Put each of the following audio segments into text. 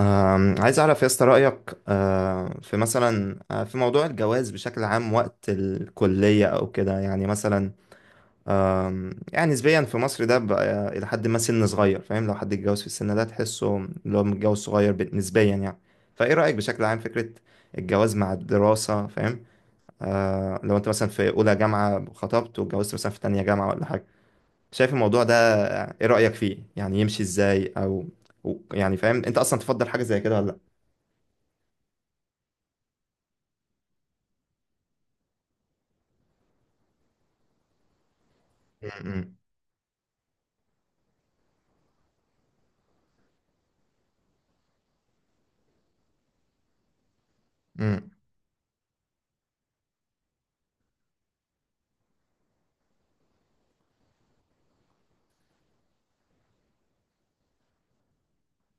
عايز أعرف يا اسطى رأيك في مثلا في موضوع الجواز بشكل عام وقت الكلية أو كده يعني مثلا. يعني نسبيا في مصر ده بقى إلى حد ما سن صغير. فاهم، لو حد اتجوز في السن ده تحسه اللي هو متجوز صغير نسبيا يعني. فإيه رأيك بشكل عام، فكرة الجواز مع الدراسة؟ فاهم. لو أنت مثلا في أولى جامعة خطبت واتجوزت مثلا في تانية جامعة ولا حاجة، شايف الموضوع ده؟ إيه رأيك فيه؟ يعني يمشي إزاي، أو أو يعني فاهم أنت أصلا تفضل حاجة زي كده ولا لأ؟ م- م. امم.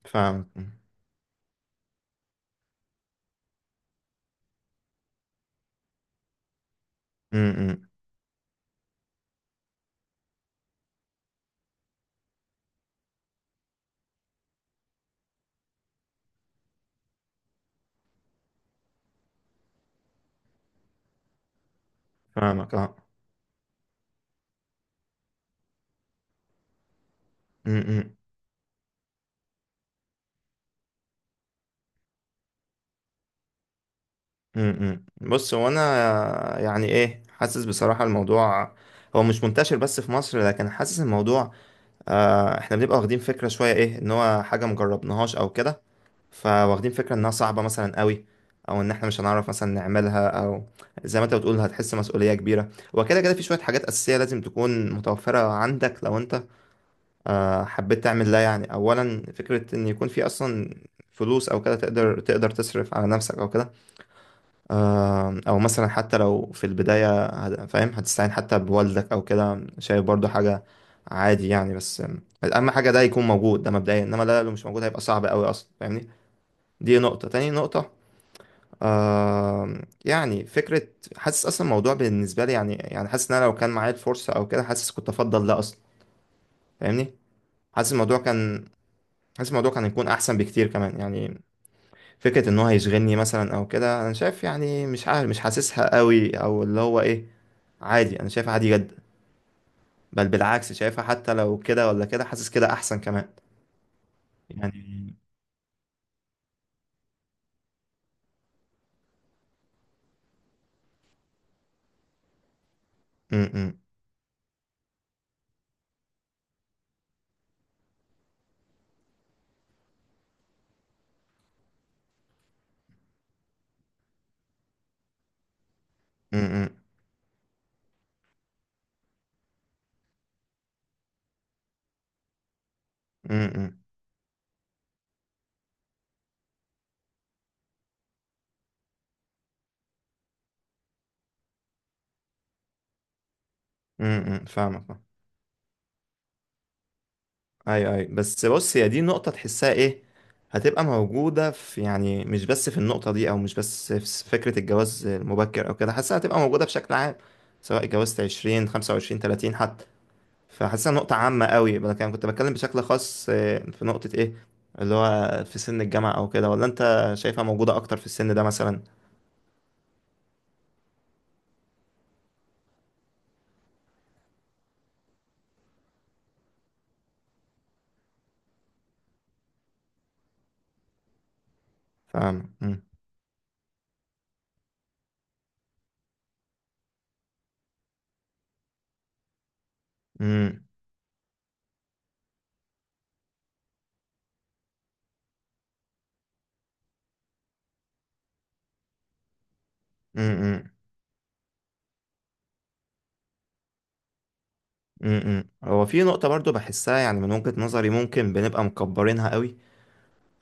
فاهمك. امم. فاهمك، اه. امم. امم. بص، هو انا يعني ايه، حاسس بصراحة الموضوع هو مش منتشر بس في مصر، لكن حاسس الموضوع احنا بنبقى واخدين فكرة شوية، ايه ان هو حاجة مجربناهاش او كده، فواخدين فكرة انها صعبة مثلا قوي، او ان احنا مش هنعرف مثلا نعملها، او زي ما انت بتقول هتحس مسؤولية كبيرة، وكده كده في شوية حاجات اساسية لازم تكون متوفرة عندك لو انت حبيت تعمل ده. يعني اولا فكره ان يكون في اصلا فلوس او كده، تقدر تصرف على نفسك او كده. او مثلا حتى لو في البدايه فاهم، هتستعين حتى بوالدك او كده، شايف برضو حاجه عادي يعني، بس اهم حاجه ده يكون موجود، ده مبدئيا، انما ده لو مش موجود هيبقى صعب قوي اصلا، فاهمني. دي نقطه. تاني نقطه، يعني فكره، حاسس اصلا الموضوع بالنسبه لي، يعني حاسس ان انا لو كان معايا الفرصه او كده، حاسس كنت افضل ده اصلا، فاهمني. حاسس الموضوع كان حاسس الموضوع كان هيكون احسن بكتير كمان يعني. فكره ان هو هيشغلني مثلا او كده، انا شايف يعني، مش عارف، مش حاسسها قوي، او اللي هو ايه. عادي، انا شايفها عادي جدا. بل بالعكس، شايفها حتى لو كده ولا كده، حاسس كده احسن كمان يعني. امم. امم. امم. امم. فاهمك، اي اي، بس بص، هي دي نقطه تحسها ايه، هتبقى موجوده في، يعني مش بس في النقطه دي، او مش بس في فكره الجواز المبكر او كده، حاسسها هتبقى موجوده بشكل عام، سواء اتجوزت 20، 25، 30 حتى. فحاسسها نقطة عامة قوي. انا كنت بتكلم بشكل خاص، في نقطة ايه، اللي هو في سن الجامعة او كده، ولا انت شايفها موجودة اكتر في السن ده مثلا؟ فاهم. مم. مم. مم. مم. مم. هو في نقطة برضو بحسها، يعني من وجهة نظري ممكن بنبقى مكبرينها قوي.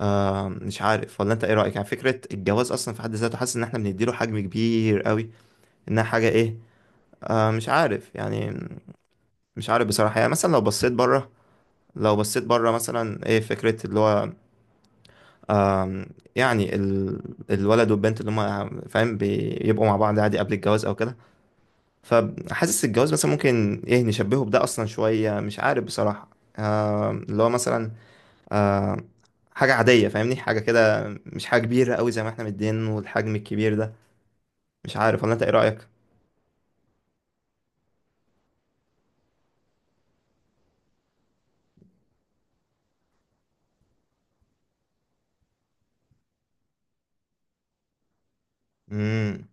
مش عارف ولا انت ايه رأيك، يعني فكرة الجواز اصلا في حد ذاته، حاسس ان احنا بنديله حجم كبير قوي، انها حاجة ايه. مش عارف يعني، مش عارف بصراحة. يعني مثلا لو بصيت بره، لو بصيت بره مثلا، ايه فكرة اللي هو آم، يعني الولد والبنت اللي هما فاهم بيبقوا مع بعض عادي قبل الجواز او كده. فحاسس الجواز مثلا ممكن ايه، نشبهه بده اصلا شوية، مش عارف بصراحة. اللي هو مثلا، آم، حاجة عادية، فاهمني، حاجة كده. مش حاجة كبيرة قوي زي ما احنا مدين والحجم الكبير ده. مش عارف، ولا انت ايه رأيك؟ امم.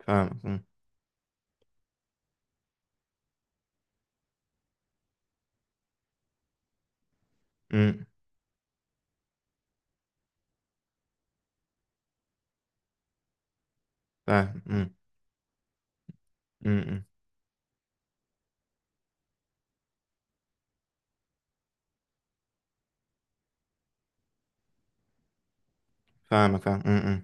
فاهم. امم. أمم. فاهم. امم. أمم. أمم. فاهمك. فاهم. امم. أمم.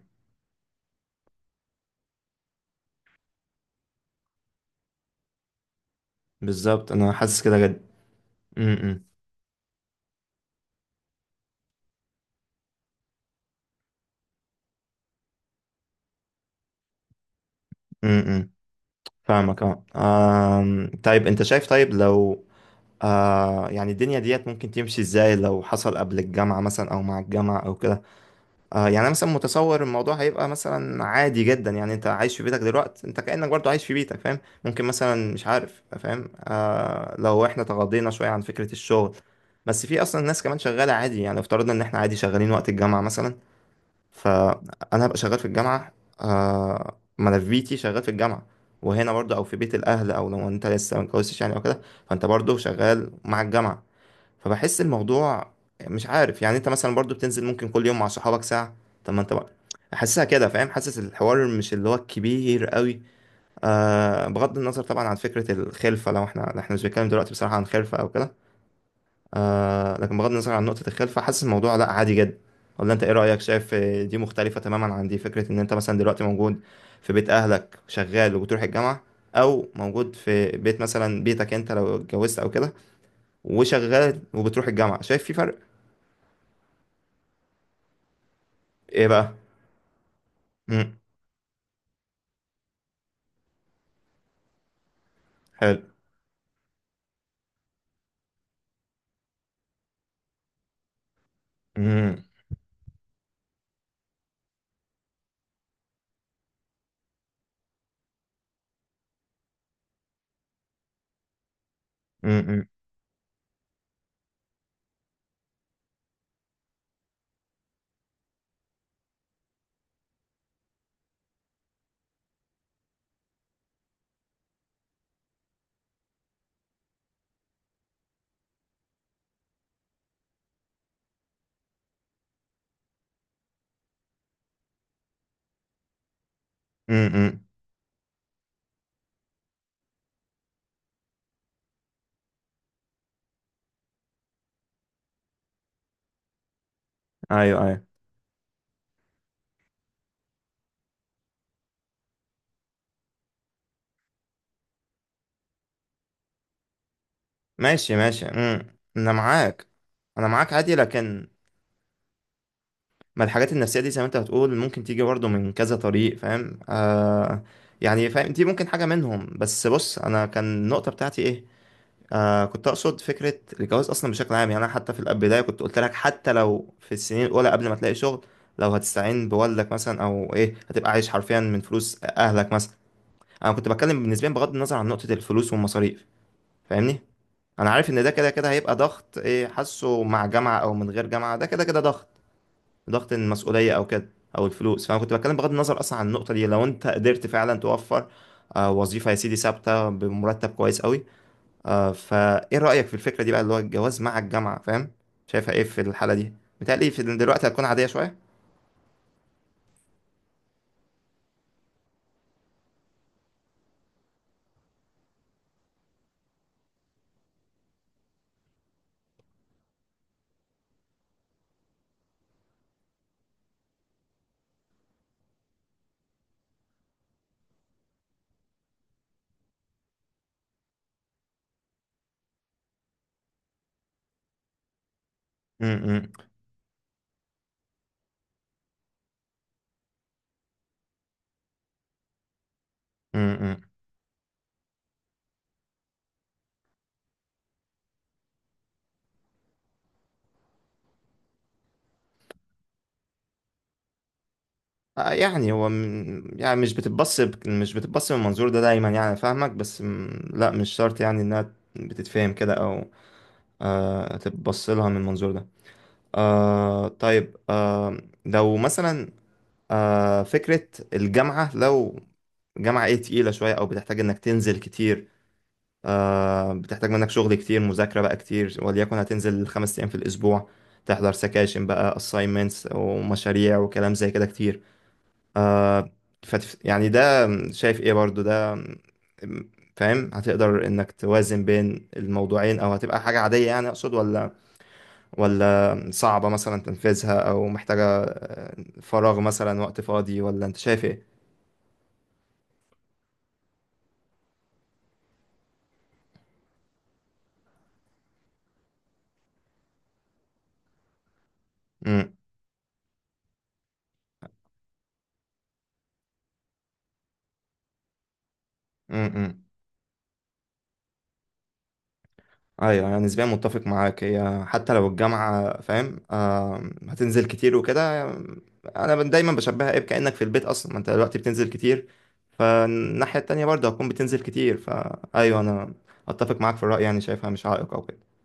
بالظبط، انا حاسس كده جد. امم. أمم. أمم. فاهمك، اه. طيب انت شايف، طيب لو يعني الدنيا ديت ممكن تمشي ازاي لو حصل قبل الجامعة مثلا، او مع الجامعة او كده؟ يعني انا مثلا متصور الموضوع هيبقى مثلا عادي جدا، يعني انت عايش في بيتك دلوقتي، انت كأنك برضو عايش في بيتك فاهم. ممكن مثلا، مش عارف فاهم، لو احنا تغاضينا شوية عن فكرة الشغل، بس في اصلا ناس كمان شغالة عادي، يعني افترضنا ان احنا عادي شغالين وقت الجامعة مثلا. فانا هبقى شغال في الجامعه. ملفيتي شغال في الجامعه، وهنا برضو، او في بيت الاهل، او لو انت لسه ما اتجوزتش يعني او كده، فانت برضو شغال مع الجامعه. فبحس الموضوع، مش عارف يعني، انت مثلا برضو بتنزل ممكن كل يوم مع صحابك ساعه. طب ما انت بقى حاسسها كده فاهم، حاسس الحوار مش اللي هو الكبير قوي. بغض النظر طبعا عن فكره الخلفه، لو احنا مش بنتكلم دلوقتي بصراحه عن خلفه او كده. لكن بغض النظر عن نقطة الخلفة، فحاسس الموضوع لا، عادي جدا. ولا انت ايه رأيك؟ شايف دي مختلفة تماما عن دي، فكرة ان انت مثلا دلوقتي موجود في بيت اهلك شغال وبتروح الجامعة، او موجود في بيت مثلا بيتك انت لو اتجوزت او كده، وشغال وبتروح الجامعة، شايف في فرق؟ ايه بقى؟ امم. حلو. امم. امم. امم. ايوه ايوه. ماشي ماشي. امم. انا معاك. انا معاك عادي، لكن ما الحاجات النفسية دي زي ما انت بتقول ممكن تيجي برضه من كذا طريق فاهم، يعني فاهم دي ممكن حاجة منهم، بس بص، انا كان النقطة بتاعتي ايه، كنت اقصد فكرة الجواز اصلا بشكل عام. يعني انا حتى في البداية كنت قلت لك، حتى لو في السنين الاولى قبل ما تلاقي شغل، لو هتستعين بوالدك مثلا او ايه، هتبقى عايش حرفيا من فلوس اهلك مثلا. انا كنت بتكلم نسبيا بغض النظر عن نقطة الفلوس والمصاريف، فاهمني. انا عارف ان ده كده كده هيبقى ضغط ايه، حاسه، مع جامعة او من غير جامعة ده كده كده ضغط، ضغط المسؤولية أو كده، أو الفلوس، فأنا كنت بتكلم بغض النظر أصلا عن النقطة دي. لو أنت قدرت فعلا توفر وظيفة يا سيدي ثابتة بمرتب كويس قوي، فإيه رأيك في الفكرة دي بقى، اللي هو الجواز مع الجامعة فاهم، شايفها إيه في الحالة دي؟ متهيألي في دلوقتي هتكون عادية شوية. امم. امم. يعني هو يعني مش بتتبص من المنظور ده دايما يعني، فاهمك بس لا، مش شرط يعني انها بتتفهم كده، او تتبص لها من المنظور ده. طيب، لو مثلا فكرة الجامعة، لو جامعة ايه تقيلة شوية، او بتحتاج انك تنزل كتير، بتحتاج منك شغل كتير، مذاكرة بقى كتير، وليكن هتنزل 5 ايام في الاسبوع، تحضر سكاشن بقى assignments ومشاريع وكلام زي كده كتير. يعني ده، شايف ايه برضو ده، م- فاهم هتقدر انك توازن بين الموضوعين، او هتبقى حاجة عادية يعني، اقصد، ولا ولا صعبة مثلا تنفيذها، او محتاجة فراغ مثلا، وقت فاضي، ولا انت شايف ايه؟ امم. ايوه، يعني نسبيا متفق معاك، هي حتى لو الجامعه فاهم هتنزل كتير وكده. انا دايما بشبهها ايه، كانك في البيت اصلا، ما انت دلوقتي بتنزل كتير، فالناحيه التانيه برضه هتكون بتنزل كتير، فايوه انا اتفق معاك في الراي، يعني شايفها مش عائق او كده.